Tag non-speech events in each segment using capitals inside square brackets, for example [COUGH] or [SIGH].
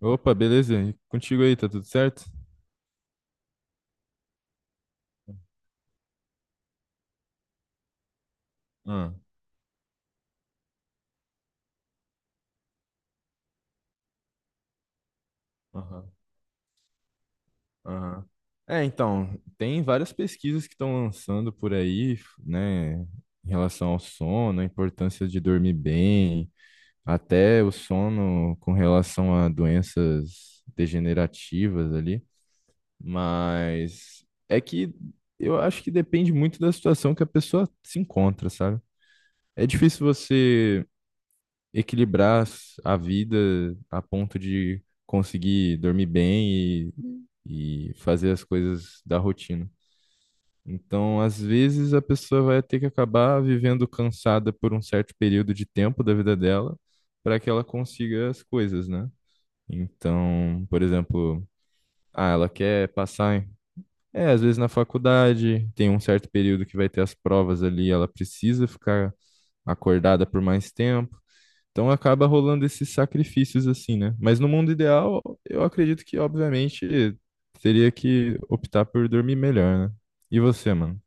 Opa, beleza? E contigo aí, tá tudo certo? Ah, aham, aham. É, então, tem várias pesquisas que estão lançando por aí, né, em relação ao sono, a importância de dormir bem, até o sono com relação a doenças degenerativas ali, mas é que eu acho que depende muito da situação que a pessoa se encontra, sabe? É difícil você equilibrar a vida a ponto de conseguir dormir bem e fazer as coisas da rotina. Então, às vezes, a pessoa vai ter que acabar vivendo cansada por um certo período de tempo da vida dela para que ela consiga as coisas, né? Então, por exemplo, ela quer passar É, às vezes na faculdade tem um certo período que vai ter as provas ali, ela precisa ficar acordada por mais tempo. Então acaba rolando esses sacrifícios assim, né? Mas no mundo ideal, eu acredito que, obviamente, teria que optar por dormir melhor, né? E você, mano?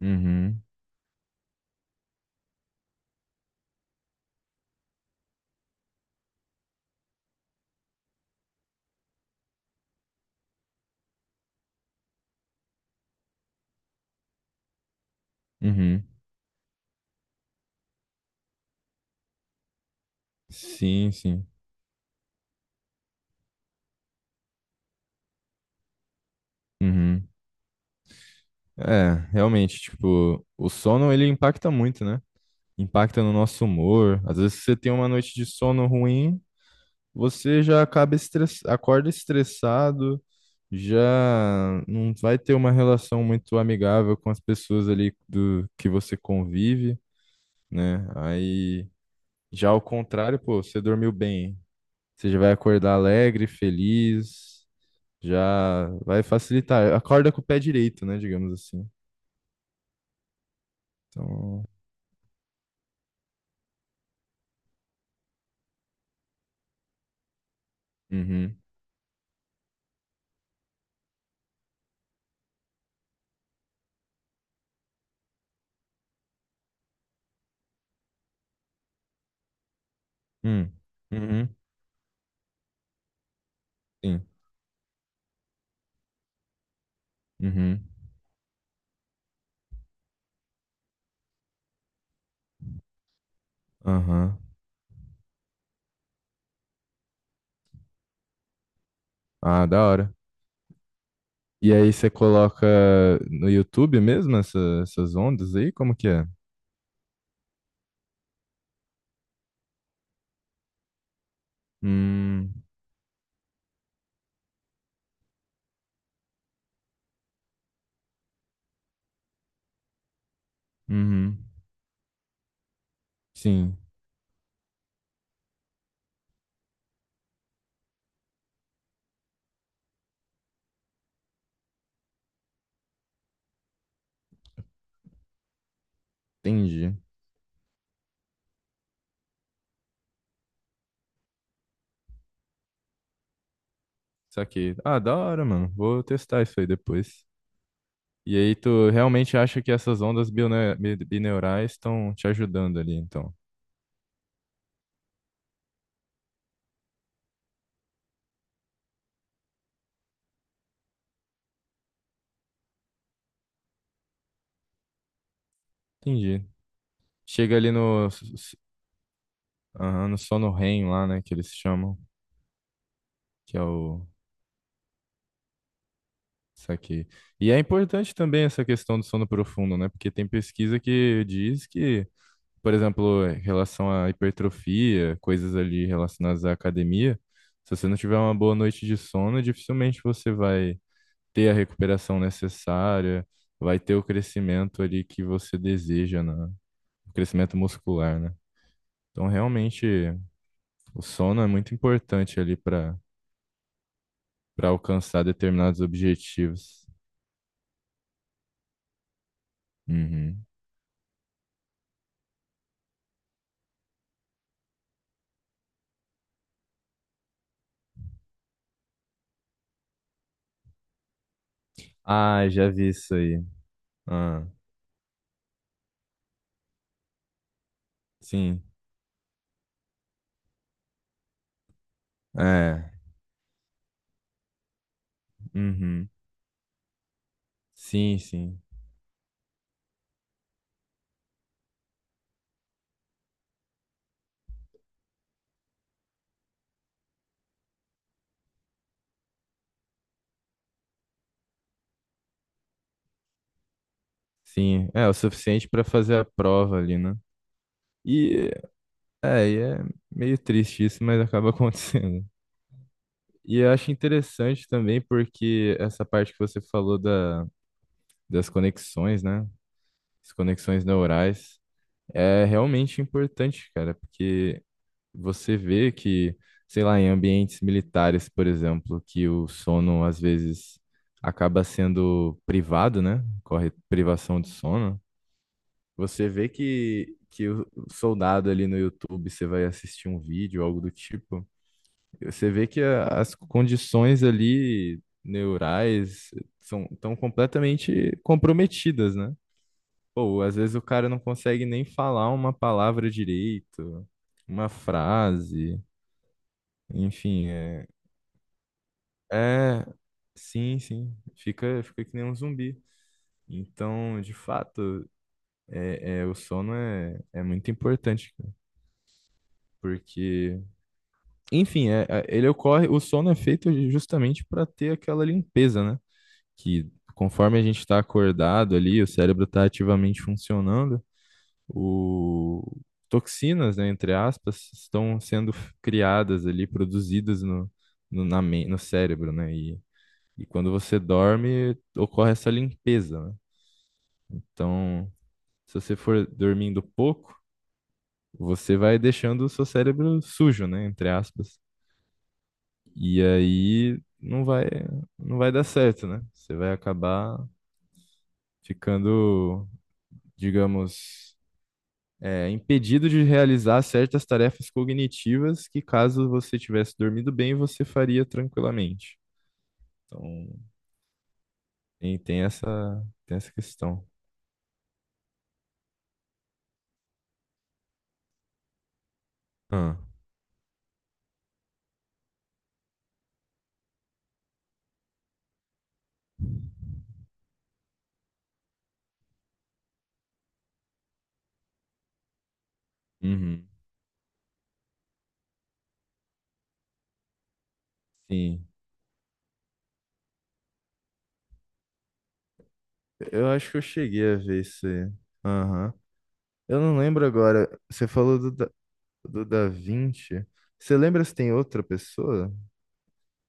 Uhum, uhum. Sim, sim. Uhum. É, realmente, tipo, o sono ele impacta muito, né? Impacta no nosso humor. Às vezes você tem uma noite de sono ruim, você já acorda estressado. Já não vai ter uma relação muito amigável com as pessoas ali do que você convive, né? Aí já ao contrário, pô, você dormiu bem, você já vai acordar alegre, feliz, já vai facilitar. Acorda com o pé direito, né, digamos assim. Então, uhum, hum, uhum, sim, uhum, aham. Ah, da hora. E aí você coloca no YouTube mesmo essas ondas aí? Como que é? Hum, uhum. Sim, entendi. Saquei. Ah, da hora, mano. Vou testar isso aí depois. E aí, tu realmente acha que essas ondas bineurais estão te ajudando ali, então? Entendi. Chega ali no, aham, no sono REM lá, né, que eles chamam, que é o. Saquei. E é importante também essa questão do sono profundo, né? Porque tem pesquisa que diz que, por exemplo, em relação à hipertrofia, coisas ali relacionadas à academia, se você não tiver uma boa noite de sono, dificilmente você vai ter a recuperação necessária, vai ter o crescimento ali que você deseja, né? O crescimento muscular, né? Então, realmente, o sono é muito importante ali para alcançar determinados objetivos. Uhum. Ah, já vi isso aí. Ah, sim. É. Uhum. Sim, sim. Sim. É o suficiente para fazer a prova ali, né? E é meio triste isso, mas acaba [LAUGHS] acontecendo. E eu acho interessante também porque essa parte que você falou das conexões, né? As conexões neurais é realmente importante, cara, porque você vê que, sei lá, em ambientes militares, por exemplo, que o sono às vezes acaba sendo privado, né? Corre privação de sono. Você vê que o soldado ali no YouTube, você vai assistir um vídeo, algo do tipo. Você vê que as condições ali neurais são tão completamente comprometidas, né? Pô, às vezes o cara não consegue nem falar uma palavra direito, uma frase, enfim, é sim, sim, fica, fica que nem um zumbi. Então, de fato, o sono é muito importante, cara, porque, enfim, ele ocorre, o sono é feito justamente para ter aquela limpeza, né? Que conforme a gente está acordado ali, o cérebro está ativamente funcionando, o... toxinas, né, entre aspas, estão sendo criadas ali, produzidas no cérebro, né? E quando você dorme, ocorre essa limpeza, né? Então, se você for dormindo pouco, você vai deixando o seu cérebro sujo, né, entre aspas. E aí não vai dar certo, né? Você vai acabar ficando, digamos, impedido de realizar certas tarefas cognitivas que, caso você tivesse dormido bem, você faria tranquilamente. Então, tem essa questão. Ah, uhum. Sim. Eu acho que eu cheguei a ver isso aí. Aham. Eu não lembro agora. Você falou do do Da Vinci. Você lembra se tem outra pessoa?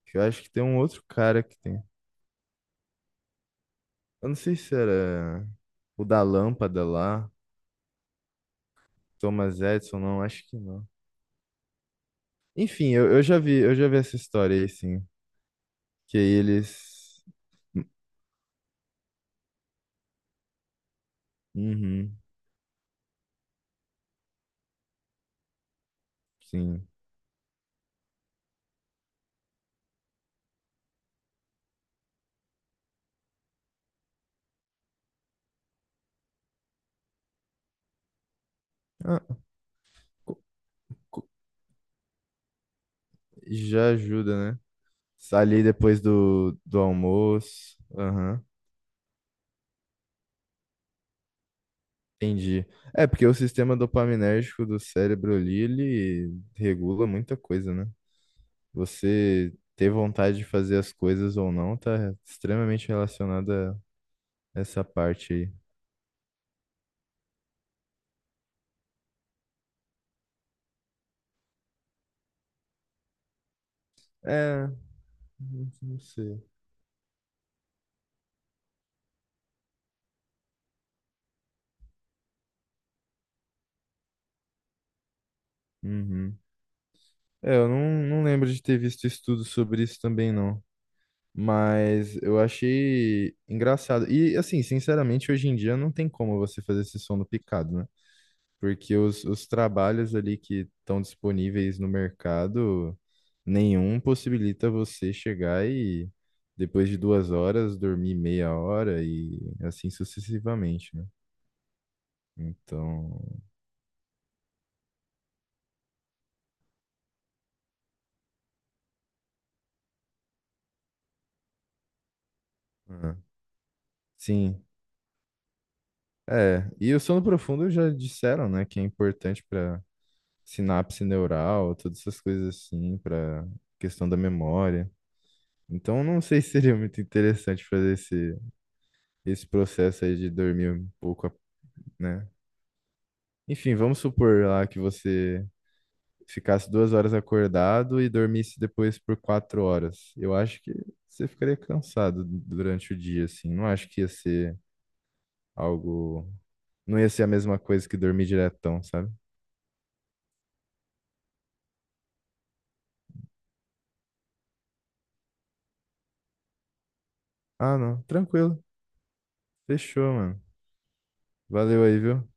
Que eu acho que tem um outro cara que tem. Eu não sei se era o da lâmpada lá, Thomas Edison, não, acho que não. Enfim, eu já vi, eu já vi essa história aí, sim. Que aí eles. Uhum, sim. Ah, co- co- já ajuda, né? Ali depois do almoço. Aham, entendi. É, porque o sistema dopaminérgico do cérebro ali, ele regula muita coisa, né? Você ter vontade de fazer as coisas ou não tá extremamente relacionada a essa parte aí. É, não não sei. Uhum. É, eu não, não lembro de ter visto estudo sobre isso também, não. Mas eu achei engraçado. E, assim, sinceramente, hoje em dia não tem como você fazer esse som no picado, né? Porque os trabalhos ali que estão disponíveis no mercado, nenhum possibilita você chegar e, depois de 2 horas, dormir 1/2 hora e assim sucessivamente, né? Então, ah, sim. É, e o sono profundo já disseram, né, que é importante para sinapse neural, todas essas coisas assim, para questão da memória. Então, não sei se seria muito interessante fazer esse processo aí de dormir um pouco, né? Enfim, vamos supor lá que você ficasse 2 horas acordado e dormisse depois por 4 horas. Eu acho que você ficaria cansado durante o dia, assim. Não acho que ia ser algo. Não ia ser a mesma coisa que dormir diretão, sabe? Ah, não. Tranquilo. Fechou, mano. Valeu aí, viu?